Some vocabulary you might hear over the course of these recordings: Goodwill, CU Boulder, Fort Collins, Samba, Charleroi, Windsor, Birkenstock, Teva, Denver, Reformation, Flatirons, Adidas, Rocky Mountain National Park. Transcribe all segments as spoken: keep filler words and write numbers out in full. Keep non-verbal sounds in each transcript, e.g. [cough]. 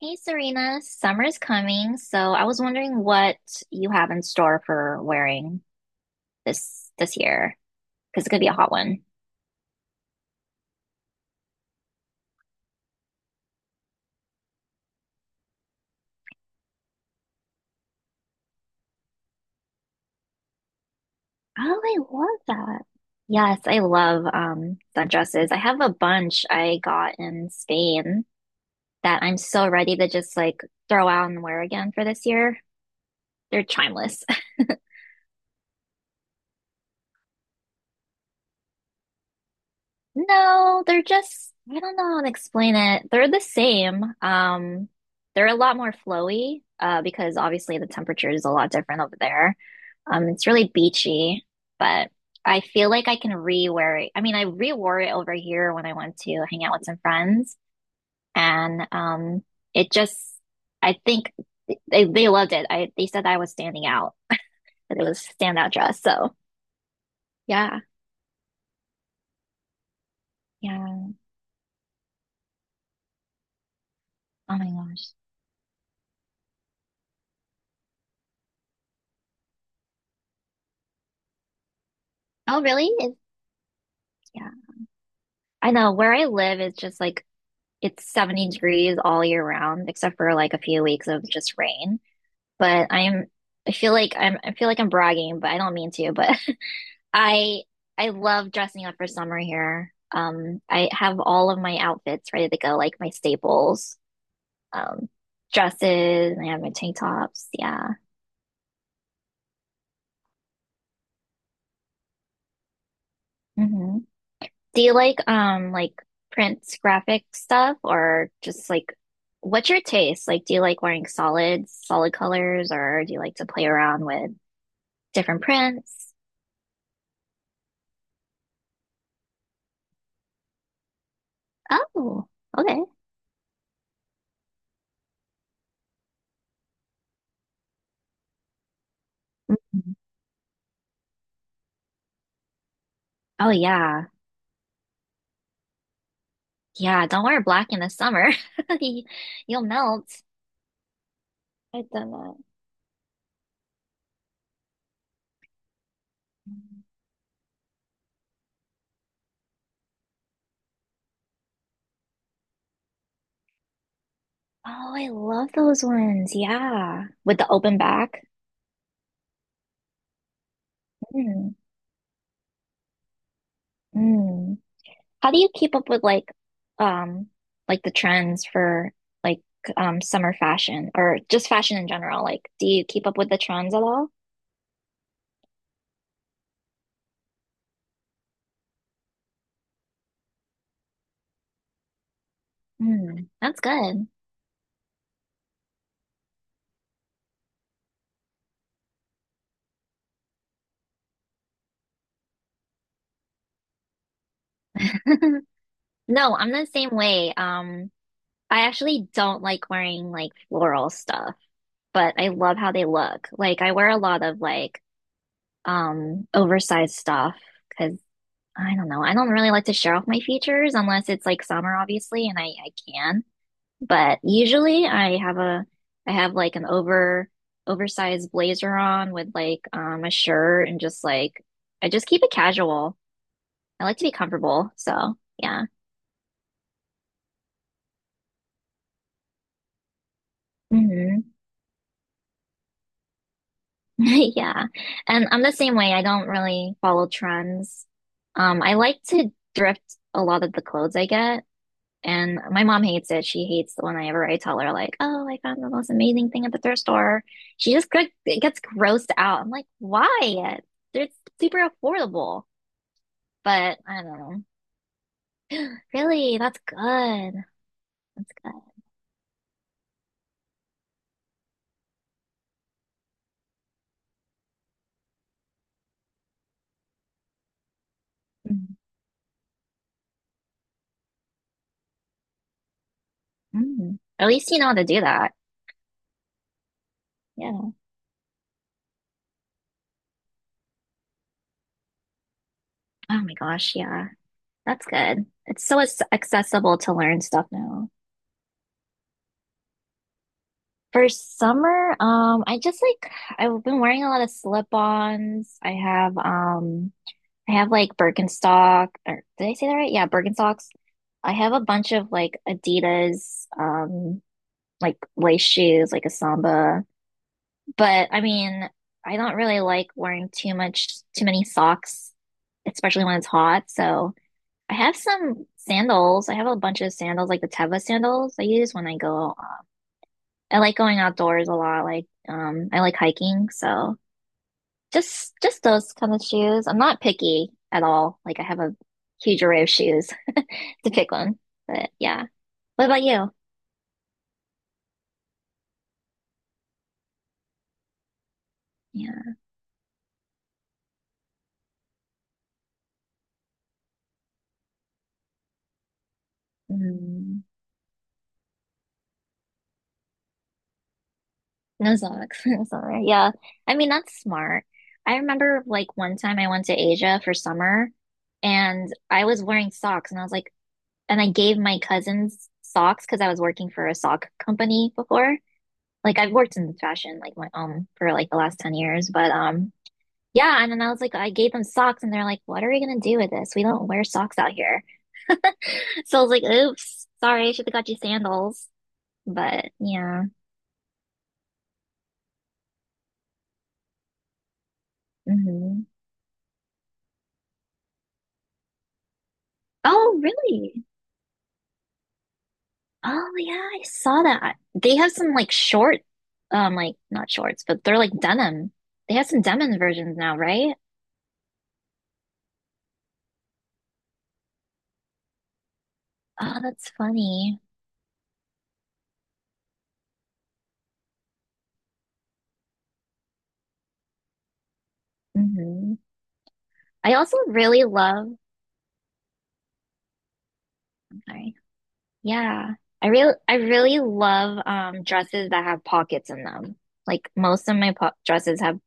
Hey Serena, summer's coming, so I was wondering what you have in store for wearing this this year because it's gonna be a hot one. Oh, I love that. Yes, I love um sundresses. I have a bunch I got in Spain that I'm so ready to just like throw out and wear again for this year. They're timeless. No, they're just, I don't know how to explain it. They're the same. Um, they're a lot more flowy, uh, because obviously the temperature is a lot different over there. Um, it's really beachy, but I feel like I can re-wear it. I mean, I re-wore it over here when I went to hang out with some friends, and um, it just, I think they they loved it. I They said that I was standing out, that it was a standout dress. So yeah, yeah. Oh my gosh. Oh, really? It, yeah. I know where I live is just like it's seventy degrees all year round, except for like a few weeks of just rain. But I'm I feel like I'm I feel like I'm bragging, but I don't mean to, but [laughs] I I love dressing up for summer here. Um, I have all of my outfits ready to go, like my staples, um, dresses, and I have my tank tops. Yeah. Hmm. Do you like um like prints, graphic stuff or just like what's your taste? Like do you like wearing solids, solid colors or do you like to play around with different prints? Oh, okay. Mhm. Oh yeah. Yeah, don't wear black in the summer. [laughs] You- You'll melt. I've done that. Oh, I love those ones. Yeah. With the open back. Mm, mm. How do you keep up with like um like the trends for like um summer fashion or just fashion in general? Like, do you keep up with the trends at all? Mm, that's good. [laughs] No, I'm the same way. Um, I actually don't like wearing like floral stuff, but I love how they look. Like I wear a lot of like um oversized stuff because I don't know. I don't really like to show off my features unless it's like summer, obviously, and I I can. But usually I have a I have like an over oversized blazer on with like um a shirt and just like I just keep it casual. I like to be comfortable, so yeah. Hmm. [laughs] Yeah. And I'm the same way. I don't really follow trends. Um, I like to thrift a lot of the clothes I get. And my mom hates it. She hates the one. I ever I tell her like, "Oh, I found the most amazing thing at the thrift store." She just get, gets grossed out. I'm like, "Why? They're super affordable." But I don't know. [gasps] Really, that's good. That's good. Mm. At least you know how to do that. Yeah. Oh my gosh, yeah. That's good. It's so ac- accessible to learn stuff now. For summer, um, I just like I've been wearing a lot of slip-ons. I have um I have like Birkenstock, or did I say that right? Yeah, Birkenstocks. I have a bunch of like Adidas, um, like lace shoes, like a Samba. But I mean, I don't really like wearing too much, too many socks, especially when it's hot. So I have some sandals. I have a bunch of sandals, like the Teva sandals I use when I go. I like going outdoors a lot. Like, um, I like hiking, so just just those kind of shoes. I'm not picky at all. Like I have a huge array of shoes [laughs] to pick one. But yeah. What about you? Yeah. Mm, no socks. [laughs] No summer. Yeah. I mean, that's smart. I remember like one time I went to Asia for summer and I was wearing socks and I was like, and I gave my cousins socks because I was working for a sock company before. Like I've worked in fashion like my um for like the last ten years, but um. Yeah, and then I was like, I gave them socks, and they're like, "What are we gonna do with this? We don't wear socks out here." [laughs] So I was like, "Oops, sorry, I should have got you sandals." But yeah. Hmm. Oh, really? Oh, yeah, I saw that. They have some like short, um, like not shorts, but they're like denim. They have some denim versions now, right? Oh, that's funny. Hmm. I also really love. Sorry. Yeah. I really I really love um dresses that have pockets in them. Like most of my po dresses have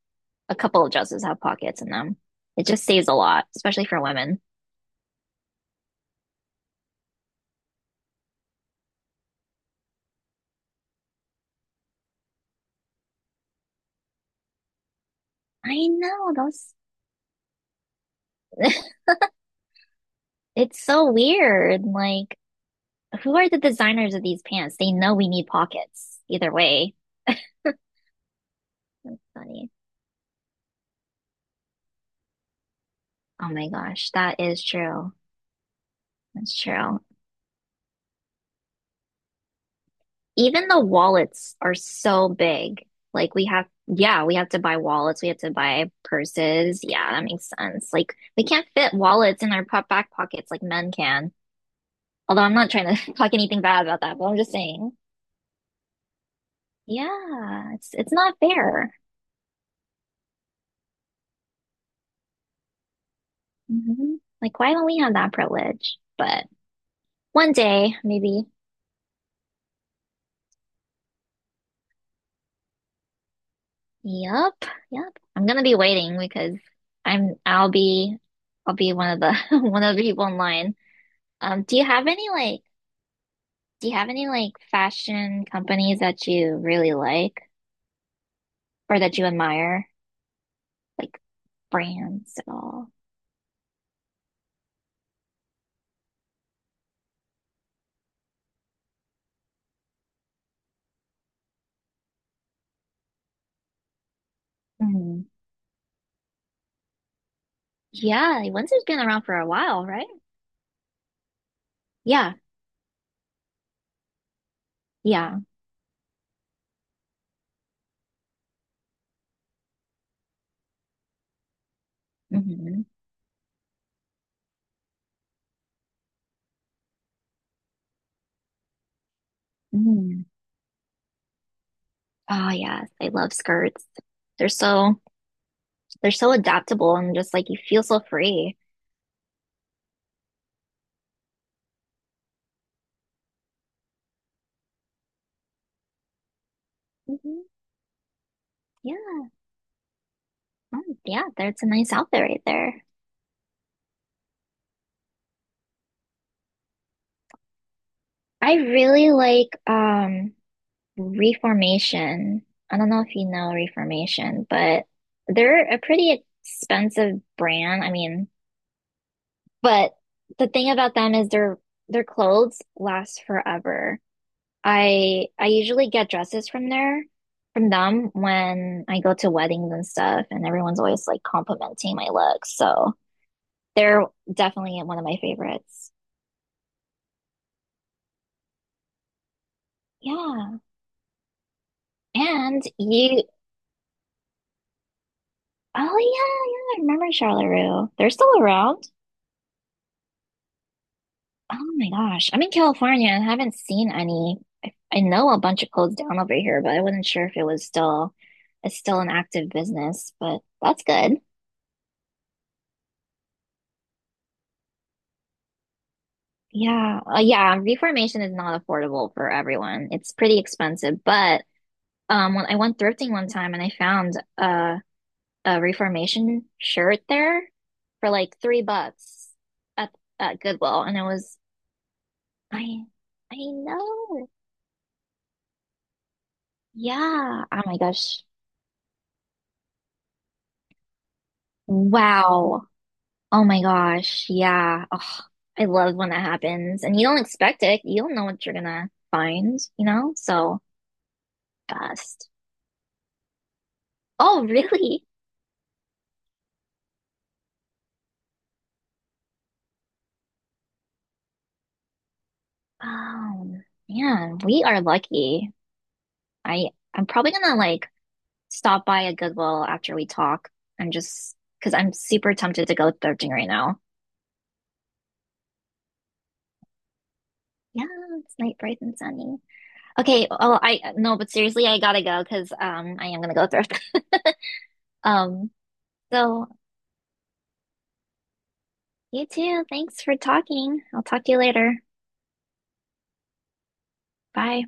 a couple of dresses have pockets in them. It just saves a lot, especially for women. I know those. [laughs] It's so weird. Like who are the designers of these pants? They know we need pockets either way. Funny. Oh my gosh, that is true. That's true. Even the wallets are so big. Like we have, yeah, we have to buy wallets. We have to buy purses. Yeah, that makes sense. Like we can't fit wallets in our po- back pockets like men can. Although I'm not trying to [laughs] talk anything bad about that, but I'm just saying, yeah, it's it's not fair. Hmm. Like why don't we have that privilege? But one day, maybe. Yep, yep. I'm gonna be waiting because I'm I'll be I'll be one of the [laughs] one of the people in line. Um, do you have any like Do you have any like fashion companies that you really like or that you admire? Like brands at all? Mm. Yeah, Windsor's been around for a while, right? Yeah, yeah. Hmm. Mm. Oh yes, I love skirts. They're so they're so adaptable and just like you feel so free. Hmm. Yeah. Oh, yeah, that's a nice outfit right there. I really like um Reformation. I don't know if you know Reformation, but they're a pretty expensive brand. I mean, but the thing about them is their their clothes last forever. I I usually get dresses from there from them when I go to weddings and stuff, and everyone's always like complimenting my looks. So they're definitely one of my favorites. Yeah. And you, oh yeah, yeah, I remember Charleroi. They're still around. Oh my gosh. I'm in California and haven't seen any. I, I know a bunch of closed down over here, but I wasn't sure if it was still it's still an active business, but that's good. Yeah. Uh, yeah, reformation is not affordable for everyone. It's pretty expensive, but um when I went thrifting one time and I found a a reformation shirt there for like three bucks at at Goodwill and it was I I know. Yeah. Oh my gosh. Wow. Oh my gosh, yeah. Oh, I love when that happens. And you don't expect it. You don't know what you're gonna find, you know? So best. Oh, really? Oh man, we are lucky. I I'm probably gonna like stop by a Goodwill after we talk. I'm just because I'm super tempted to go thrifting right now. Yeah, it's night bright and sunny. Okay, oh I no, but seriously, I gotta go because um I am gonna go thrift. [laughs] Um, so You too. Thanks for talking. I'll talk to you later. Bye.